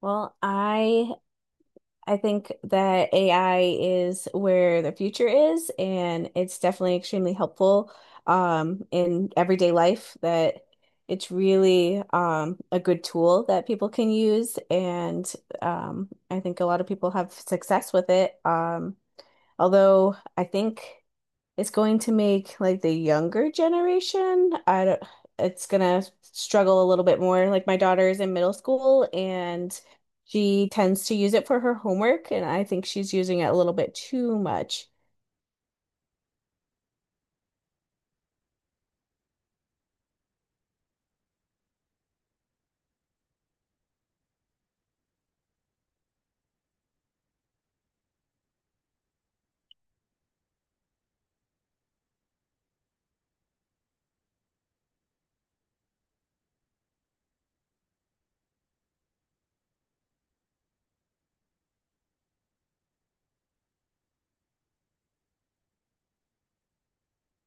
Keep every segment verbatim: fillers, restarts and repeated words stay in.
Well, I I think that A I is where the future is, and it's definitely extremely helpful um, in everyday life. That It's really um, a good tool that people can use, and um, I think a lot of people have success with it. Um, although I think it's going to make like the younger generation, I don't, it's gonna struggle a little bit more. Like my daughter is in middle school and she tends to use it for her homework, and I think she's using it a little bit too much.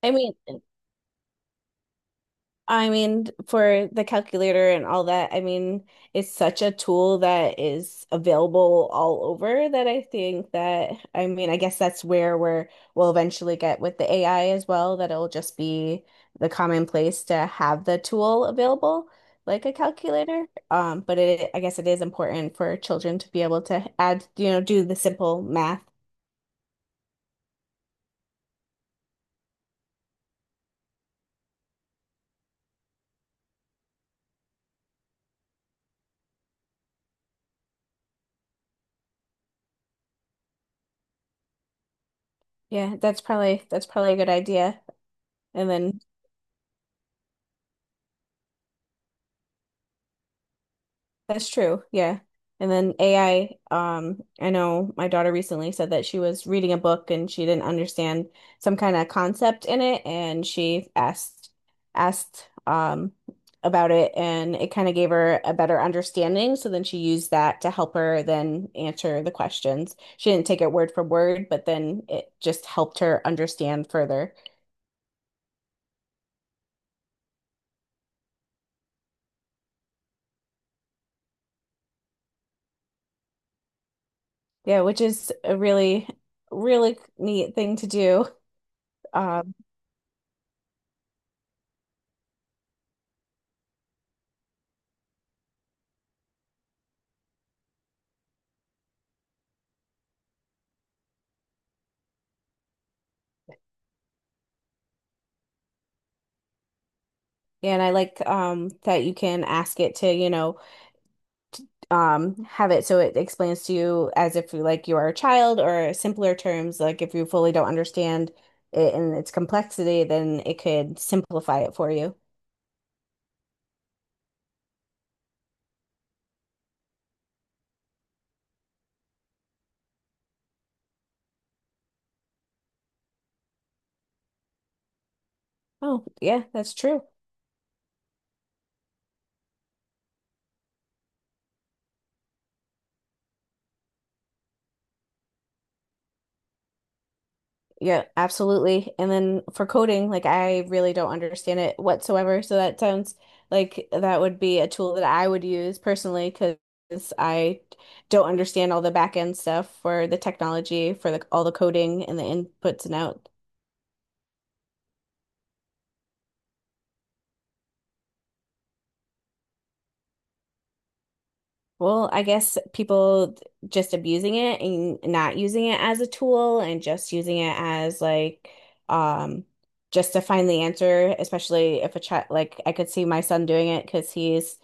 I mean, I mean, for the calculator and all that, I mean, it's such a tool that is available all over that I think that, I mean, I guess that's where we're, we'll eventually get with the A I as well, that it'll just be the commonplace to have the tool available, like a calculator. Um, but it, I guess it is important for children to be able to add, you know, do the simple math. Yeah, that's probably, that's probably a good idea. And then That's true. Yeah. And then A I, um, I know my daughter recently said that she was reading a book and she didn't understand some kind of concept in it and she asked asked um about it and it kind of gave her a better understanding. So then she used that to help her then answer the questions. She didn't take it word for word, but then it just helped her understand further. Yeah, which is a really, really neat thing to do. Um, and I like um, that you can ask it to, you know, um, have it so it explains to you as if you like you are a child or simpler terms, like if you fully don't understand it and its complexity, then it could simplify it for you. Oh, yeah, that's true. Yeah, absolutely. And then for coding, like I really don't understand it whatsoever. So that sounds like that would be a tool that I would use personally because I don't understand all the back end stuff for the technology, for the all the coding and the inputs and outs. Well, I guess people just abusing it and not using it as a tool and just using it as like um just to find the answer, especially if a child like I could see my son doing it because he's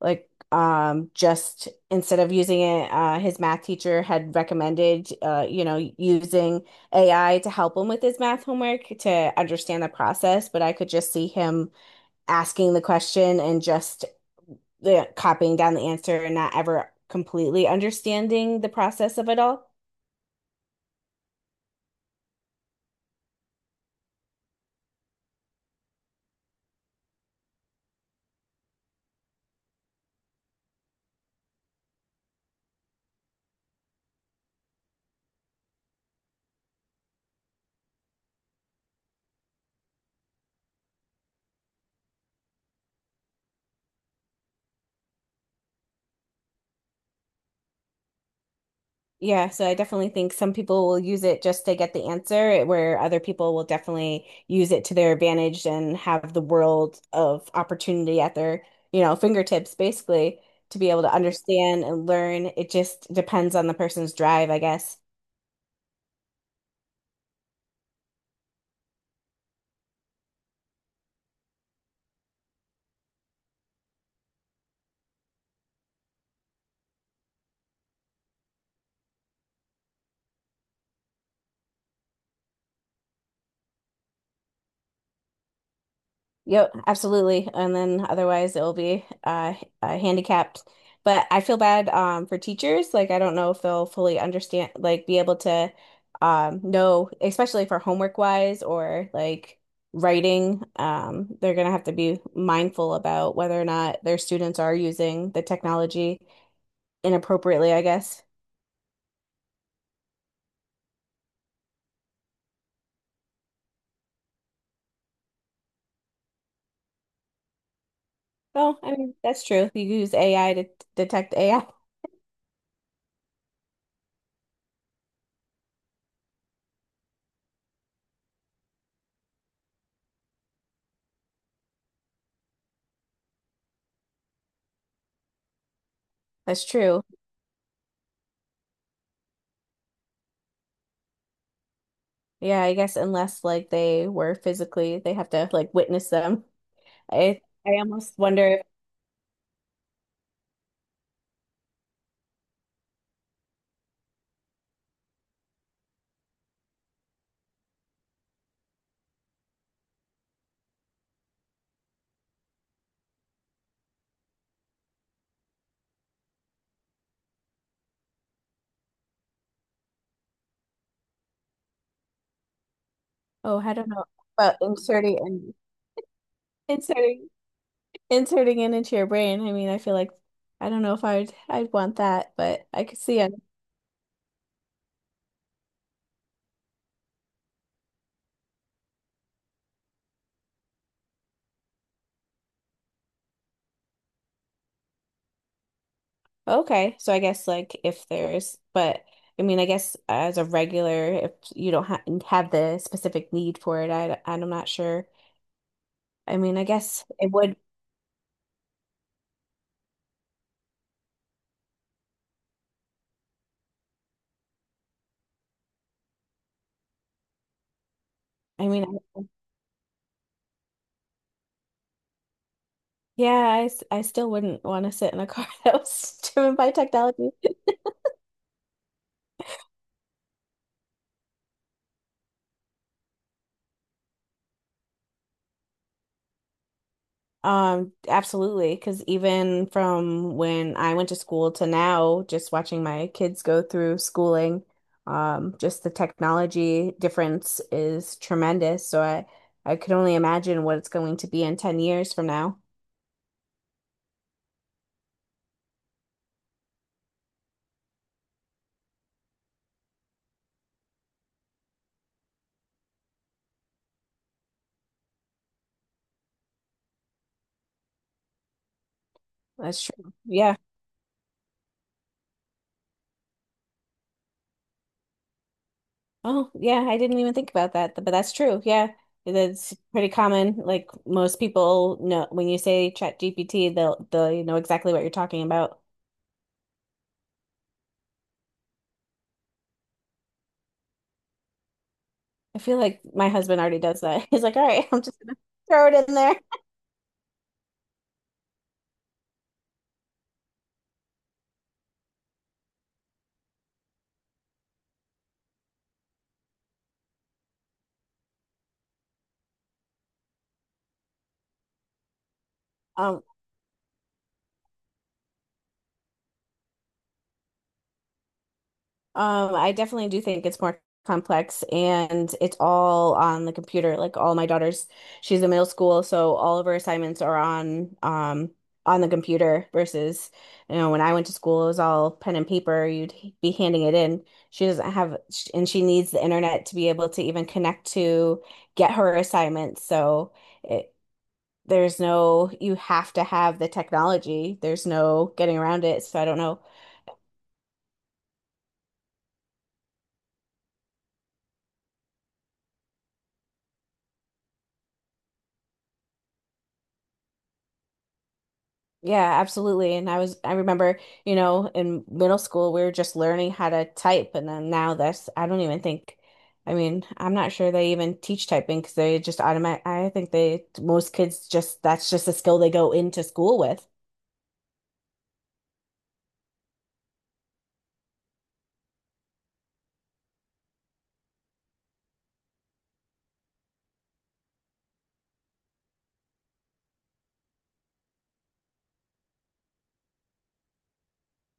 like um just instead of using it uh his math teacher had recommended uh you know using A I to help him with his math homework to understand the process, but I could just see him asking the question and just the copying down the answer and not ever completely understanding the process of it all. Yeah, so I definitely think some people will use it just to get the answer, where other people will definitely use it to their advantage and have the world of opportunity at their, you know, fingertips basically to be able to understand and learn. It just depends on the person's drive, I guess. Yep, absolutely. And then otherwise it'll be uh, uh handicapped. But I feel bad um for teachers. Like I don't know if they'll fully understand, like be able to um know, especially for homework wise or like writing. Um, they're gonna have to be mindful about whether or not their students are using the technology inappropriately, I guess. Oh, I mean, that's true. You use A I to detect A I. That's true. Yeah, I guess unless like they were physically, they have to like witness them. I I almost wonder if, oh, I don't know about inserting and inserting inserting it into your brain. I mean, I feel like I don't know if I'd I'd want that, but I could see it. Okay, so I guess like if there's, but I mean, I guess as a regular, if you don't ha have the specific need for it, I I'm not sure. I mean, I guess it would. I mean, I, yeah, I, s- I still wouldn't want to sit in a car that was driven by technology. Um, absolutely, because even from when I went to school to now, just watching my kids go through schooling, um, just the technology difference is tremendous. So I, I could only imagine what it's going to be in ten years from now. That's true. Yeah. Oh, yeah, I didn't even think about that, but that's true. Yeah. That's pretty common. Like most people know when you say Chat G P T, they'll they'll know exactly what you're talking about. I feel like my husband already does that. He's like, all right, I'm just gonna throw it in there. Um, um, I definitely do think it's more complex and it's all on the computer. Like all my daughters, she's in middle school, so all of her assignments are on um on the computer versus, you know, when I went to school, it was all pen and paper. You'd be handing it in. She doesn't have, and she needs the internet to be able to even connect to get her assignments. So. There's no, you have to have the technology. There's no getting around it. So I don't know. Yeah, absolutely. And I was, I remember, you know, in middle school, we were just learning how to type. And then now that's, I don't even think, I mean, I'm not sure they even teach typing because they just automatic, I think they, most kids just, that's just a skill they go into school with.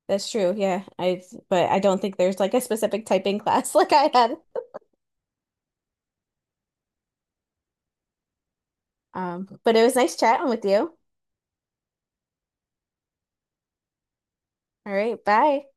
That's true. Yeah. I, but I don't think there's like a specific typing class like I had. Um, but it was nice chatting with you. All right. Bye.